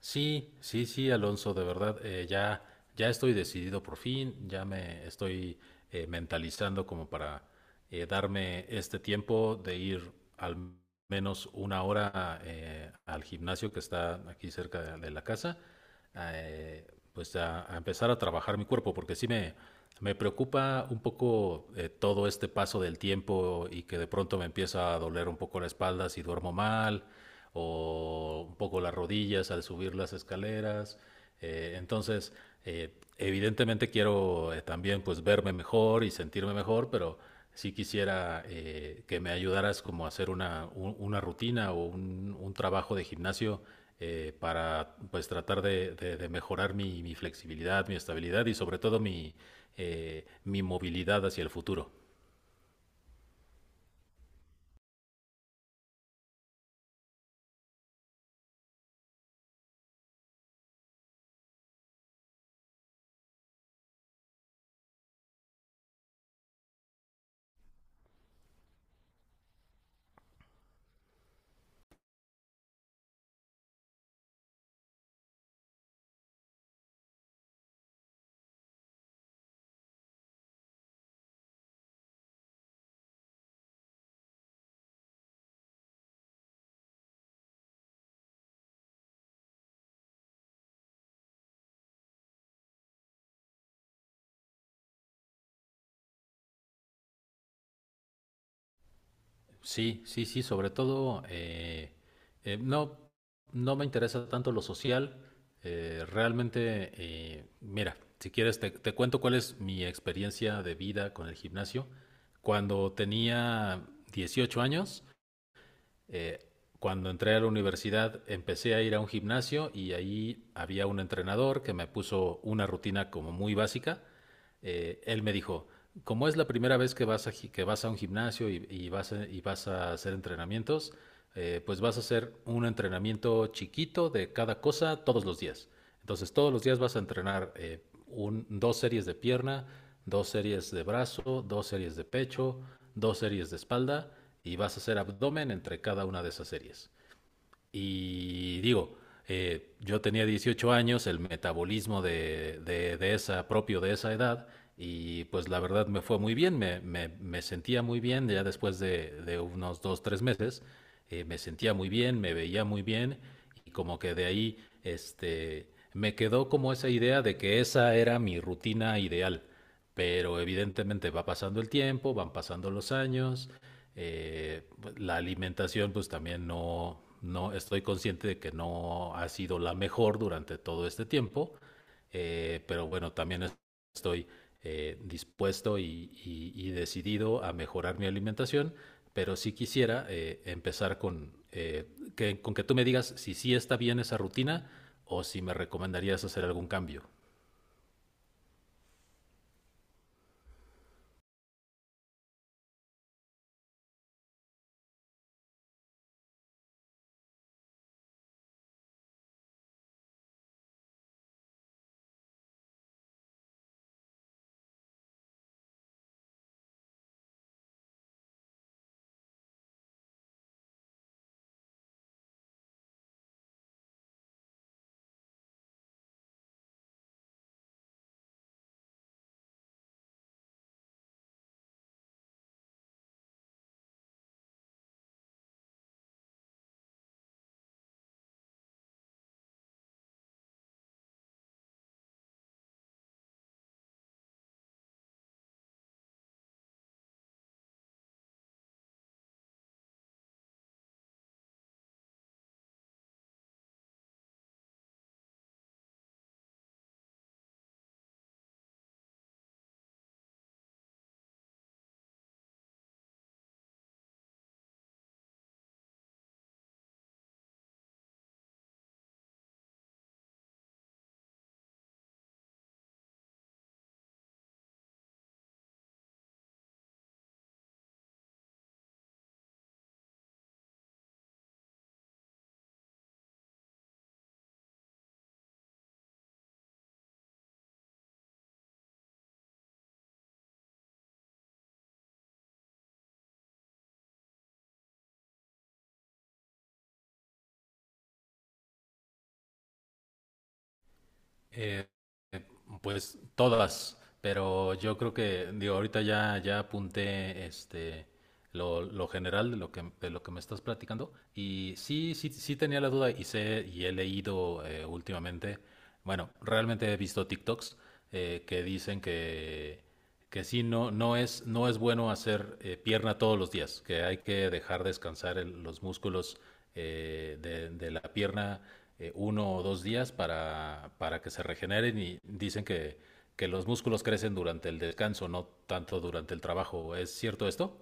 Sí, sí, sí, Alonso, de verdad, ya, ya estoy decidido por fin. Ya me estoy mentalizando como para darme este tiempo de ir al menos una hora al gimnasio que está aquí cerca de la casa, eh, pues a empezar a trabajar mi cuerpo, porque me preocupa un poco, todo este paso del tiempo, y que de pronto me empieza a doler un poco la espalda si duermo mal, o un poco las rodillas al subir las escaleras. Eh, entonces, Evidentemente quiero, también, pues verme mejor y sentirme mejor, pero sí quisiera que me ayudaras como a hacer una rutina o un trabajo de gimnasio para pues tratar de mejorar mi flexibilidad, mi estabilidad y sobre todo mi movilidad hacia el futuro. Sí, sí, sí, sobre todo no, no me interesa tanto lo social. Realmente, mira, si quieres te cuento cuál es mi experiencia de vida con el gimnasio. Cuando tenía 18 años, eh, cuando entré a la universidad empecé a ir a un gimnasio, y ahí había un entrenador que me puso una rutina como muy básica. Él me dijo: como es la primera vez que que vas a un gimnasio y y vas a hacer entrenamientos, pues vas a hacer un entrenamiento chiquito de cada cosa todos los días. Entonces todos los días vas a entrenar, dos series de pierna, dos series de brazo, dos series de pecho, dos series de espalda, y vas a hacer abdomen entre cada una de esas series. Y digo, yo tenía 18 años, el metabolismo de esa, propio de esa edad, y pues la verdad me fue muy bien. Me sentía muy bien. Ya después de unos dos, tres meses, me sentía muy bien, me veía muy bien, y como que de ahí este, me quedó como esa idea de que esa era mi rutina ideal. Pero evidentemente va pasando el tiempo, van pasando los años. eh, la alimentación pues también, no, no estoy consciente de que no ha sido la mejor durante todo este tiempo. Pero bueno, también estoy dispuesto y decidido a mejorar mi alimentación, pero sí quisiera empezar con que tú me digas si sí está bien esa rutina, o si me recomendarías hacer algún cambio. Eh, pues todas, pero yo creo que, digo, ahorita ya, ya apunté lo general de lo que me estás platicando. Y sí, sí, sí tenía la duda, y sé, y he leído últimamente, bueno, realmente he visto TikToks que dicen que sí, no es bueno hacer, pierna todos los días, que hay que dejar descansar los músculos, de la pierna uno o dos días para que se regeneren, y dicen que los músculos crecen durante el descanso, no tanto durante el trabajo. ¿Es cierto esto?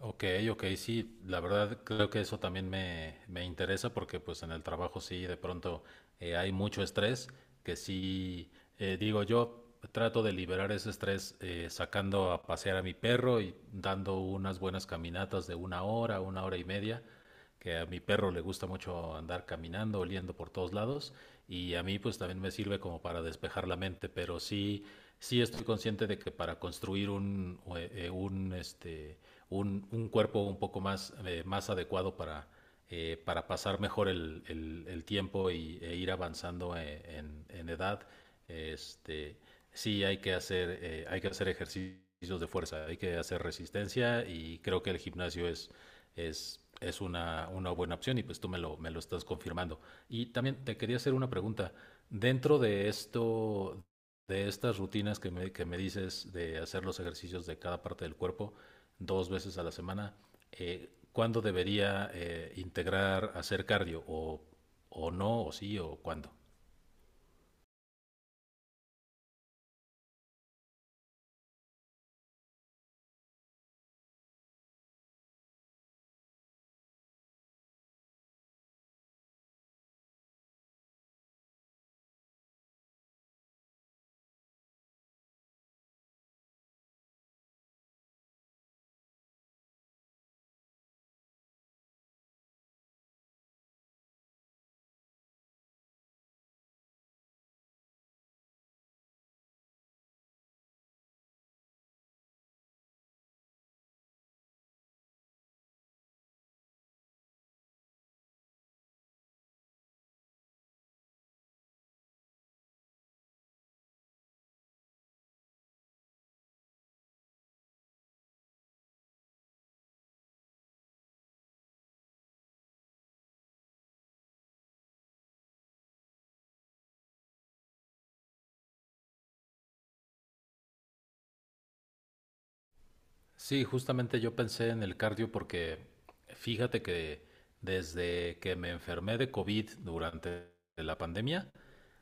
Ok, ok, sí, la verdad creo que eso también me interesa, porque pues en el trabajo sí de pronto hay mucho estrés que sí. Digo, yo trato de liberar ese estrés sacando a pasear a mi perro y dando unas buenas caminatas de una hora y media, que a mi perro le gusta mucho andar caminando, oliendo por todos lados. Y a mí pues también me sirve como para despejar la mente. Pero sí, sí estoy consciente de que para construir un cuerpo un poco más, más adecuado para pasar mejor el tiempo, y, e ir avanzando en edad, este, sí hay que hacer ejercicios de fuerza, hay que hacer resistencia. Y creo que el gimnasio es una buena opción, y pues tú me me lo estás confirmando. Y también te quería hacer una pregunta. Dentro de esto, de estas rutinas que que me dices, de hacer los ejercicios de cada parte del cuerpo dos veces a la semana, ¿cuándo debería, integrar hacer cardio? ¿O no? ¿O sí? ¿O cuándo? Sí, justamente yo pensé en el cardio, porque fíjate que desde que me enfermé de COVID durante la pandemia,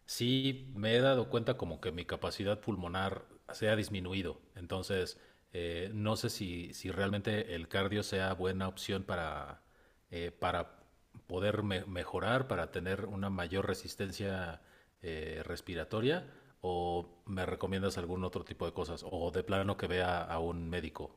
sí me he dado cuenta como que mi capacidad pulmonar se ha disminuido. Entonces, no sé si, si realmente el cardio sea buena opción para poder mejorar, para tener una mayor resistencia respiratoria, o me recomiendas algún otro tipo de cosas, o de plano que vea a un médico.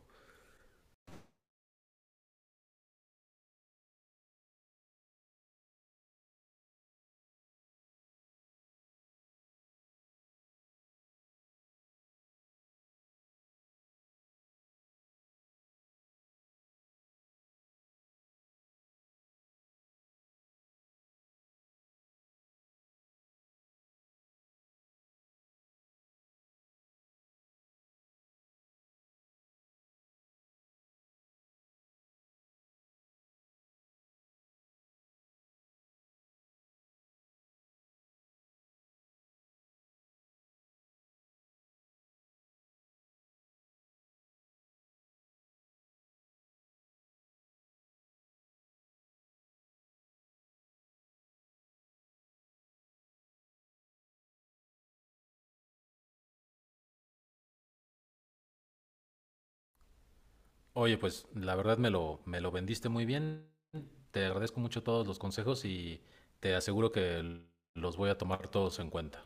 Oye, pues la verdad me me lo vendiste muy bien. Te agradezco mucho todos los consejos, y te aseguro que los voy a tomar todos en cuenta.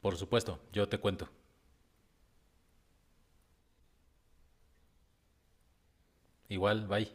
Por supuesto, yo te cuento. Igual, bye.